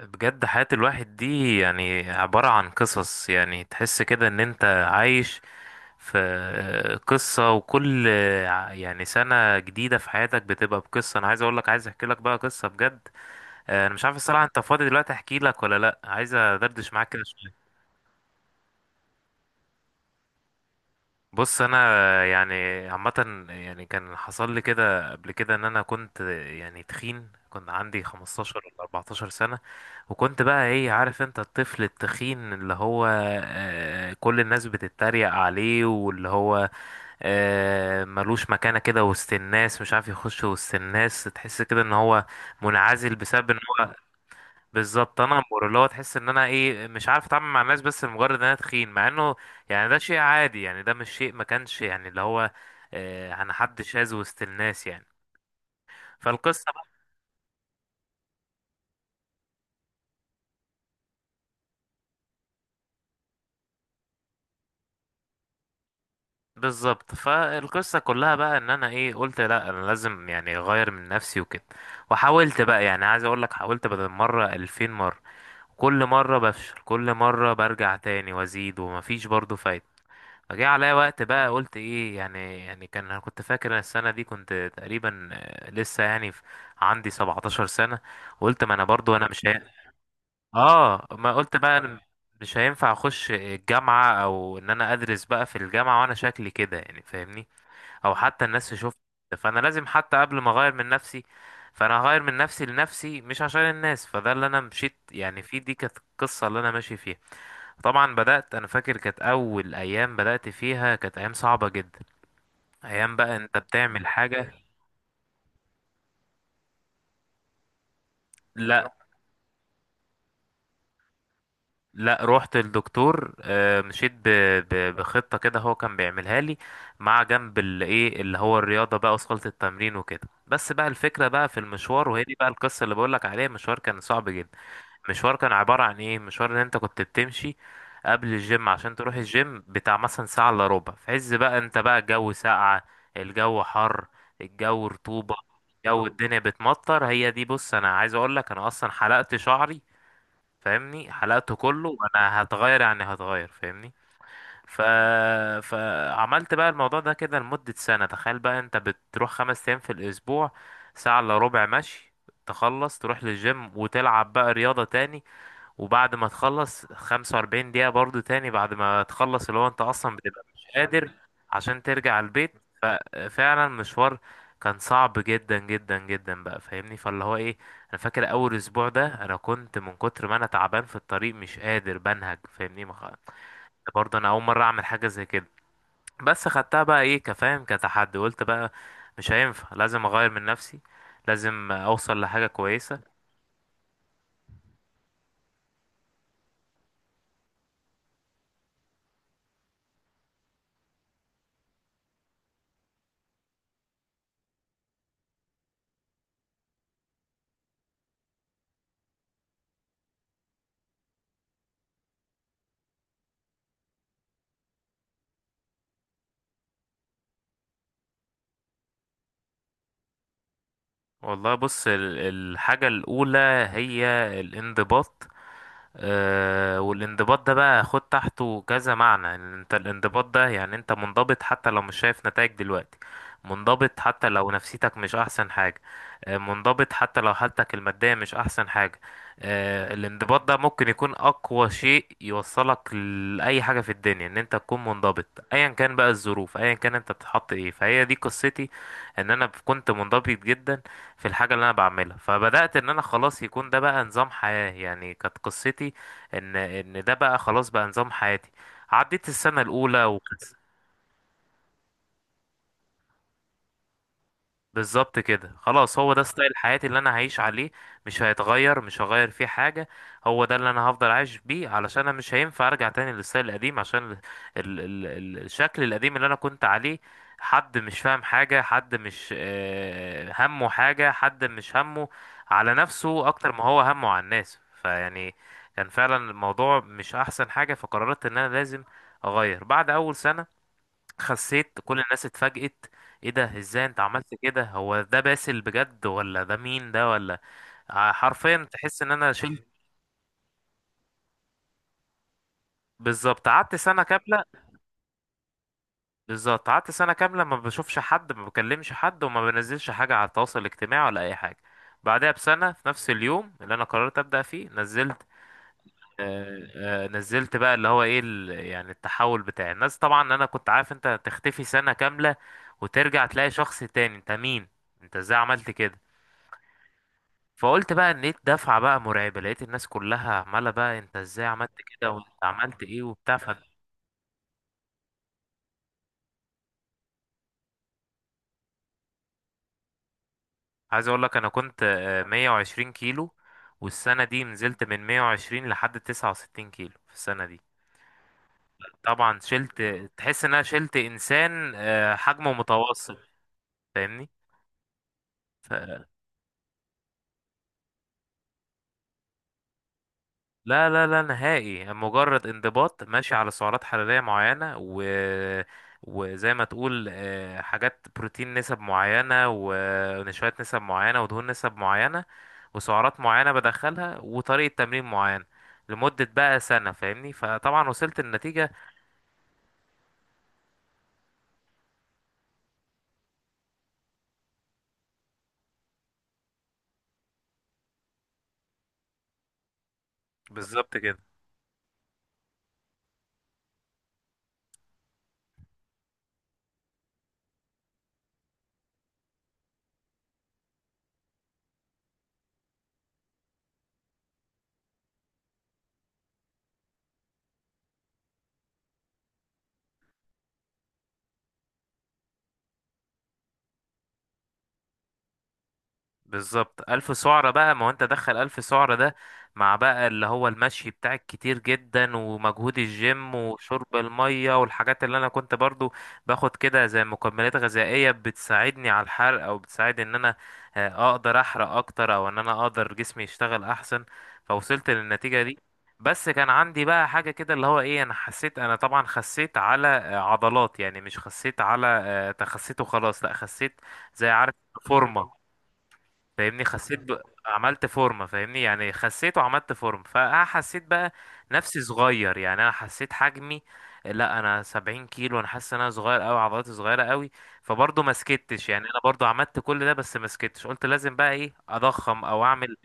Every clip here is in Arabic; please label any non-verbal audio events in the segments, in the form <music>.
بجد حياة الواحد دي يعني عبارة عن قصص، يعني تحس كده ان انت عايش في قصة. وكل يعني سنة جديدة في حياتك بتبقى بقصة. انا عايز اقول لك، عايز احكي لك بقى قصة بجد. انا مش عارف الصراحة، انت فاضي دلوقتي احكي لك ولا لا؟ عايز ادردش معاك كده شوية. بص انا يعني عامه، يعني كان حصل لي كده قبل كده ان انا كنت يعني تخين. كنت عندي 15 ولا 14 سنه، وكنت بقى ايه، عارف انت الطفل التخين اللي هو كل الناس بتتريق عليه، واللي هو ملوش مكانه كده وسط الناس، مش عارف يخش وسط الناس، تحس كده ان هو منعزل بسبب ان هو بالظبط. انا امور اللي هو تحس ان انا ايه، مش عارف اتعامل مع الناس بس لمجرد ان انا تخين، مع انه يعني ده شيء عادي، يعني ده مش شيء ما كانش يعني اللي هو انا حد شاذ وسط الناس يعني. فالقصه بقى بالظبط، فالقصه كلها بقى ان انا ايه، قلت لا انا لازم يعني اغير من نفسي وكده. وحاولت بقى، يعني عايز اقول لك حاولت بدل مره 2000 مره. كل مره بفشل، كل مره برجع تاني وازيد ومفيش برضه فايده. فجه عليا وقت بقى، قلت ايه يعني، يعني كان انا كنت فاكر إن السنه دي كنت تقريبا لسه يعني في عندي 17 سنه. قلت ما انا برضو انا مش هي... اه، ما قلت بقى أنا مش هينفع اخش الجامعه او ان انا ادرس بقى في الجامعه وانا شكلي كده، يعني فاهمني، او حتى الناس تشوفني كده. فانا لازم حتى قبل ما اغير من نفسي، فانا هغير من نفسي لنفسي مش عشان الناس. فده اللي انا مشيت يعني في، دي كانت القصه اللي انا ماشي فيها. طبعا بدات، انا فاكر كانت اول ايام بدات فيها كانت ايام صعبه جدا. ايام بقى انت بتعمل حاجه. لا لا، روحت للدكتور. بخطة كده هو كان بيعملها لي، مع جنب الايه اللي هو الرياضة بقى، وصلت التمرين وكده. بس بقى الفكرة بقى في المشوار، وهي دي بقى القصة اللي بقولك عليها. مشوار كان صعب جدا. مشوار كان عبارة عن ايه، مشوار ان انت كنت بتمشي قبل الجيم عشان تروح الجيم بتاع مثلا ساعة الا ربع، في عز بقى انت بقى الجو ساقعة، الجو حر، الجو رطوبة، الجو الدنيا بتمطر. هي دي، بص انا عايز اقولك انا اصلا حلقت شعري، فاهمني، حلقته كله، وانا هتغير يعني هتغير فاهمني. ف... فعملت بقى الموضوع ده كده لمدة سنة. تخيل بقى انت بتروح خمس ايام في الاسبوع، ساعة الا ربع مشي، تخلص تروح للجيم وتلعب بقى رياضة تاني، وبعد ما تخلص 45 دقيقة برضو تاني، بعد ما تخلص اللي هو انت اصلا بتبقى مش قادر عشان ترجع البيت. ففعلا مشوار كان صعب جدا جدا جدا بقى، فاهمني، فاللي هو ايه، انا فاكر اول اسبوع ده انا كنت من كتر ما انا تعبان في الطريق مش قادر بنهج، فاهمني، برضه انا اول مرة اعمل حاجة زي كده. بس خدتها بقى ايه كفاهم كتحدي، قلت بقى مش هينفع، لازم اغير من نفسي، لازم اوصل لحاجة كويسة. والله بص، الحاجة الأولى هي الانضباط. آه، والانضباط ده بقى خد تحته كذا معنى. إن انت الانضباط ده يعني انت منضبط حتى لو مش شايف نتائج دلوقتي، منضبط حتى لو نفسيتك مش أحسن حاجة، آه منضبط حتى لو حالتك المادية مش أحسن حاجة. آه، الانضباط ده ممكن يكون أقوى شيء يوصلك لأي حاجة في الدنيا، إن انت تكون منضبط. أيا كان بقى الظروف، أيا كان انت بتتحط ايه. فهي دي قصتي، إن أنا كنت منضبط جدا في الحاجة اللي انا بعملها. فبدأت ان انا خلاص يكون ده بقى نظام حياة، يعني كانت قصتي ان ده بقى خلاص بقى نظام حياتي. عديت السنة الاولى وكانت بالظبط كده، خلاص هو ده ستايل حياتي اللي انا هعيش عليه. مش هيتغير، مش هغير فيه حاجة. هو ده اللي انا هفضل عايش بيه، علشان انا مش هينفع ارجع تاني للستايل القديم، عشان ال ال ال ال الشكل القديم اللي انا كنت عليه، حد مش فاهم حاجة، حد مش همه حاجة، حد مش همه على نفسه اكتر ما هو همه على الناس. فيعني كان فعلا الموضوع مش احسن حاجة. فقررت ان انا لازم اغير. بعد اول سنة خسيت، كل الناس اتفاجئت: ايه ده؟ ازاي انت عملت كده؟ هو ده باسل بجد ولا ده مين ده؟ ولا حرفيا تحس ان انا شلت بالظبط. قعدت سنه كامله، بالظبط قعدت سنه كامله ما بشوفش حد، ما بكلمش حد، وما بنزلش حاجه على التواصل الاجتماعي ولا اي حاجه. بعدها بسنه في نفس اليوم اللي انا قررت ابدا فيه نزلت. نزلت بقى اللي هو ايه، يعني التحول بتاعي. الناس طبعا، انا كنت عارف انت تختفي سنه كامله وترجع تلاقي شخص تاني، انت مين؟ انت ازاي عملت كده؟ فقلت بقى ان ايه، الدفعه بقى مرعبه، لقيت الناس كلها عماله بقى انت ازاي عملت كده؟ وانت عملت ايه وبتاع. فعايز اقول لك انا كنت 120 كيلو، والسنه دي نزلت من 120 لحد 69 كيلو في السنه دي. طبعا شلت، تحس ان انا شلت انسان حجمه متوسط، فاهمني. لا لا لا نهائي، مجرد انضباط ماشي على سعرات حرارية معينة، و وزي ما تقول حاجات بروتين نسب معينة، ونشويات نسب معينة، ودهون نسب معينة، وسعرات معينة بدخلها، وطريقة تمرين معينة لمدة بقى سنة، فاهمني. فطبعا وصلت النتيجة بالظبط كده. بالظبط، ألف سعرة بقى، ما هو أنت دخل ألف سعرة ده مع بقى اللي هو المشي بتاعك كتير جدا، ومجهود الجيم، وشرب المية، والحاجات اللي أنا كنت برضو باخد كده زي مكملات غذائية بتساعدني على الحرق، أو بتساعد إن أنا أقدر أحرق أكتر، أو إن أنا أقدر جسمي يشتغل أحسن. فوصلت للنتيجة دي. بس كان عندي بقى حاجة كده اللي هو إيه، أنا حسيت، أنا طبعا خسيت على عضلات يعني، مش خسيت على تخسيت وخلاص، لأ خسيت زي، عارف، فورمة، فاهمني. عملت فورمه، فاهمني يعني، خسيت وعملت فورمه. فحسيت بقى نفسي صغير يعني، انا حسيت حجمي، لا انا 70 كيلو، انا حاسس ان انا صغير قوي، عضلاتي صغيره قوي. فبرضه ما سكتش، يعني انا برضه عملت كل ده بس ما سكتش. قلت لازم بقى ايه اضخم او اعمل.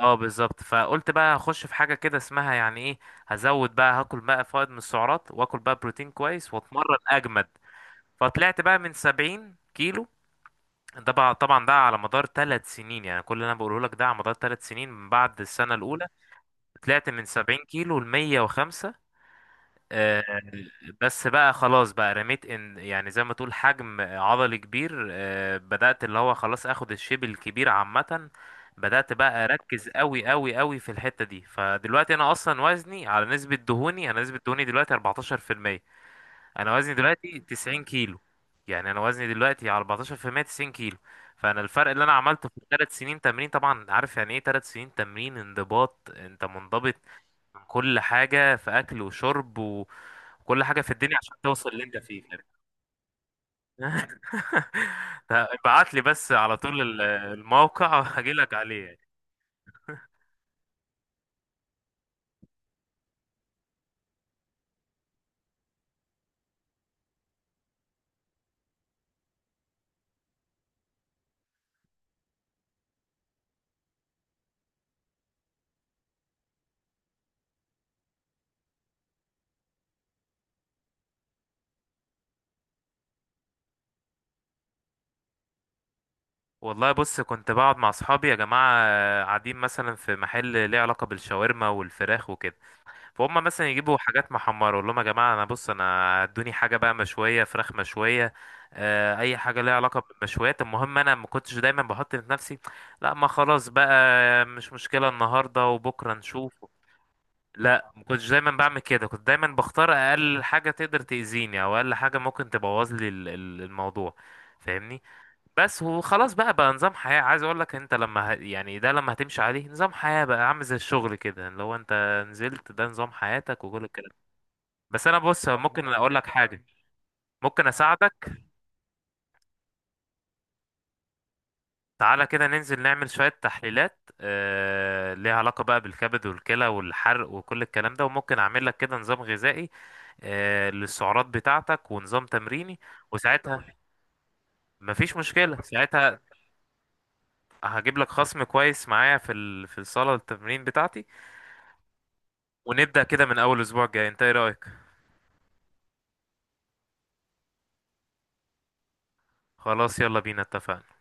اه بالظبط، فقلت بقى هخش في حاجه كده اسمها يعني ايه، هزود بقى، هاكل بقى فائض من السعرات، واكل بقى بروتين كويس، واتمرن اجمد. فطلعت بقى من 70 كيلو، ده بقى طبعا ده على مدار ثلاث سنين، يعني كل اللي انا بقوله لك ده على مدار ثلاث سنين من بعد السنه الاولى. طلعت من 70 كيلو ل 105. آه، بس بقى خلاص بقى رميت ان يعني زي ما تقول حجم عضلي كبير. بدات اللي هو خلاص اخد الشيب الكبير عامه. بدات بقى اركز قوي قوي قوي في الحته دي. فدلوقتي انا اصلا وزني على نسبه دهوني، انا نسبه دهوني دلوقتي 14%. انا وزني دلوقتي 90 كيلو. يعني انا وزني دلوقتي على 14% 90 كيلو. فانا الفرق اللي انا عملته في ثلاث سنين تمرين، طبعا عارف يعني ايه ثلاث سنين تمرين، انضباط، انت منضبط من كل حاجه في اكل وشرب وكل حاجه في الدنيا عشان توصل اللي انت فيه، فاهم؟ <laughs> ده ابعت لي بس على طول الموقع هجي لك عليه يعني. والله بص، كنت بقعد مع اصحابي يا جماعه قاعدين مثلا في محل ليه علاقه بالشاورما والفراخ وكده، فهم مثلا يجيبوا حاجات محمرة، اقول لهم يا جماعة انا بص، انا ادوني حاجة بقى مشوية، فراخ مشوية، اي حاجة ليها علاقة بالمشويات. المهم انا ما كنتش دايما بحط في نفسي لا، ما خلاص بقى، مش مشكلة النهاردة وبكرة نشوف. لا ما كنتش دايما بعمل كده، كنت دايما بختار اقل حاجة تقدر تأذيني، او اقل حاجة ممكن تبوظ لي الموضوع، فاهمني. بس وخلاص بقى، بقى نظام حياة. عايز اقول لك انت لما يعني ده لما هتمشي عليه نظام حياة بقى، عامل زي الشغل كده، لو انت نزلت ده نظام حياتك وكل الكلام. بس انا بص، ممكن اقول لك حاجة، ممكن اساعدك. تعالى كده ننزل نعمل شوية تحليلات ليها علاقة بقى بالكبد والكلى والحرق وكل الكلام ده، وممكن اعمل لك كده نظام غذائي للسعرات بتاعتك ونظام تمريني. وساعتها مفيش مشكلة، ساعتها هجيب لك خصم كويس معايا في في الصالة التمرين بتاعتي. ونبدأ كده من أول أسبوع جاي، أنت إيه رأيك؟ خلاص يلا بينا، اتفقنا.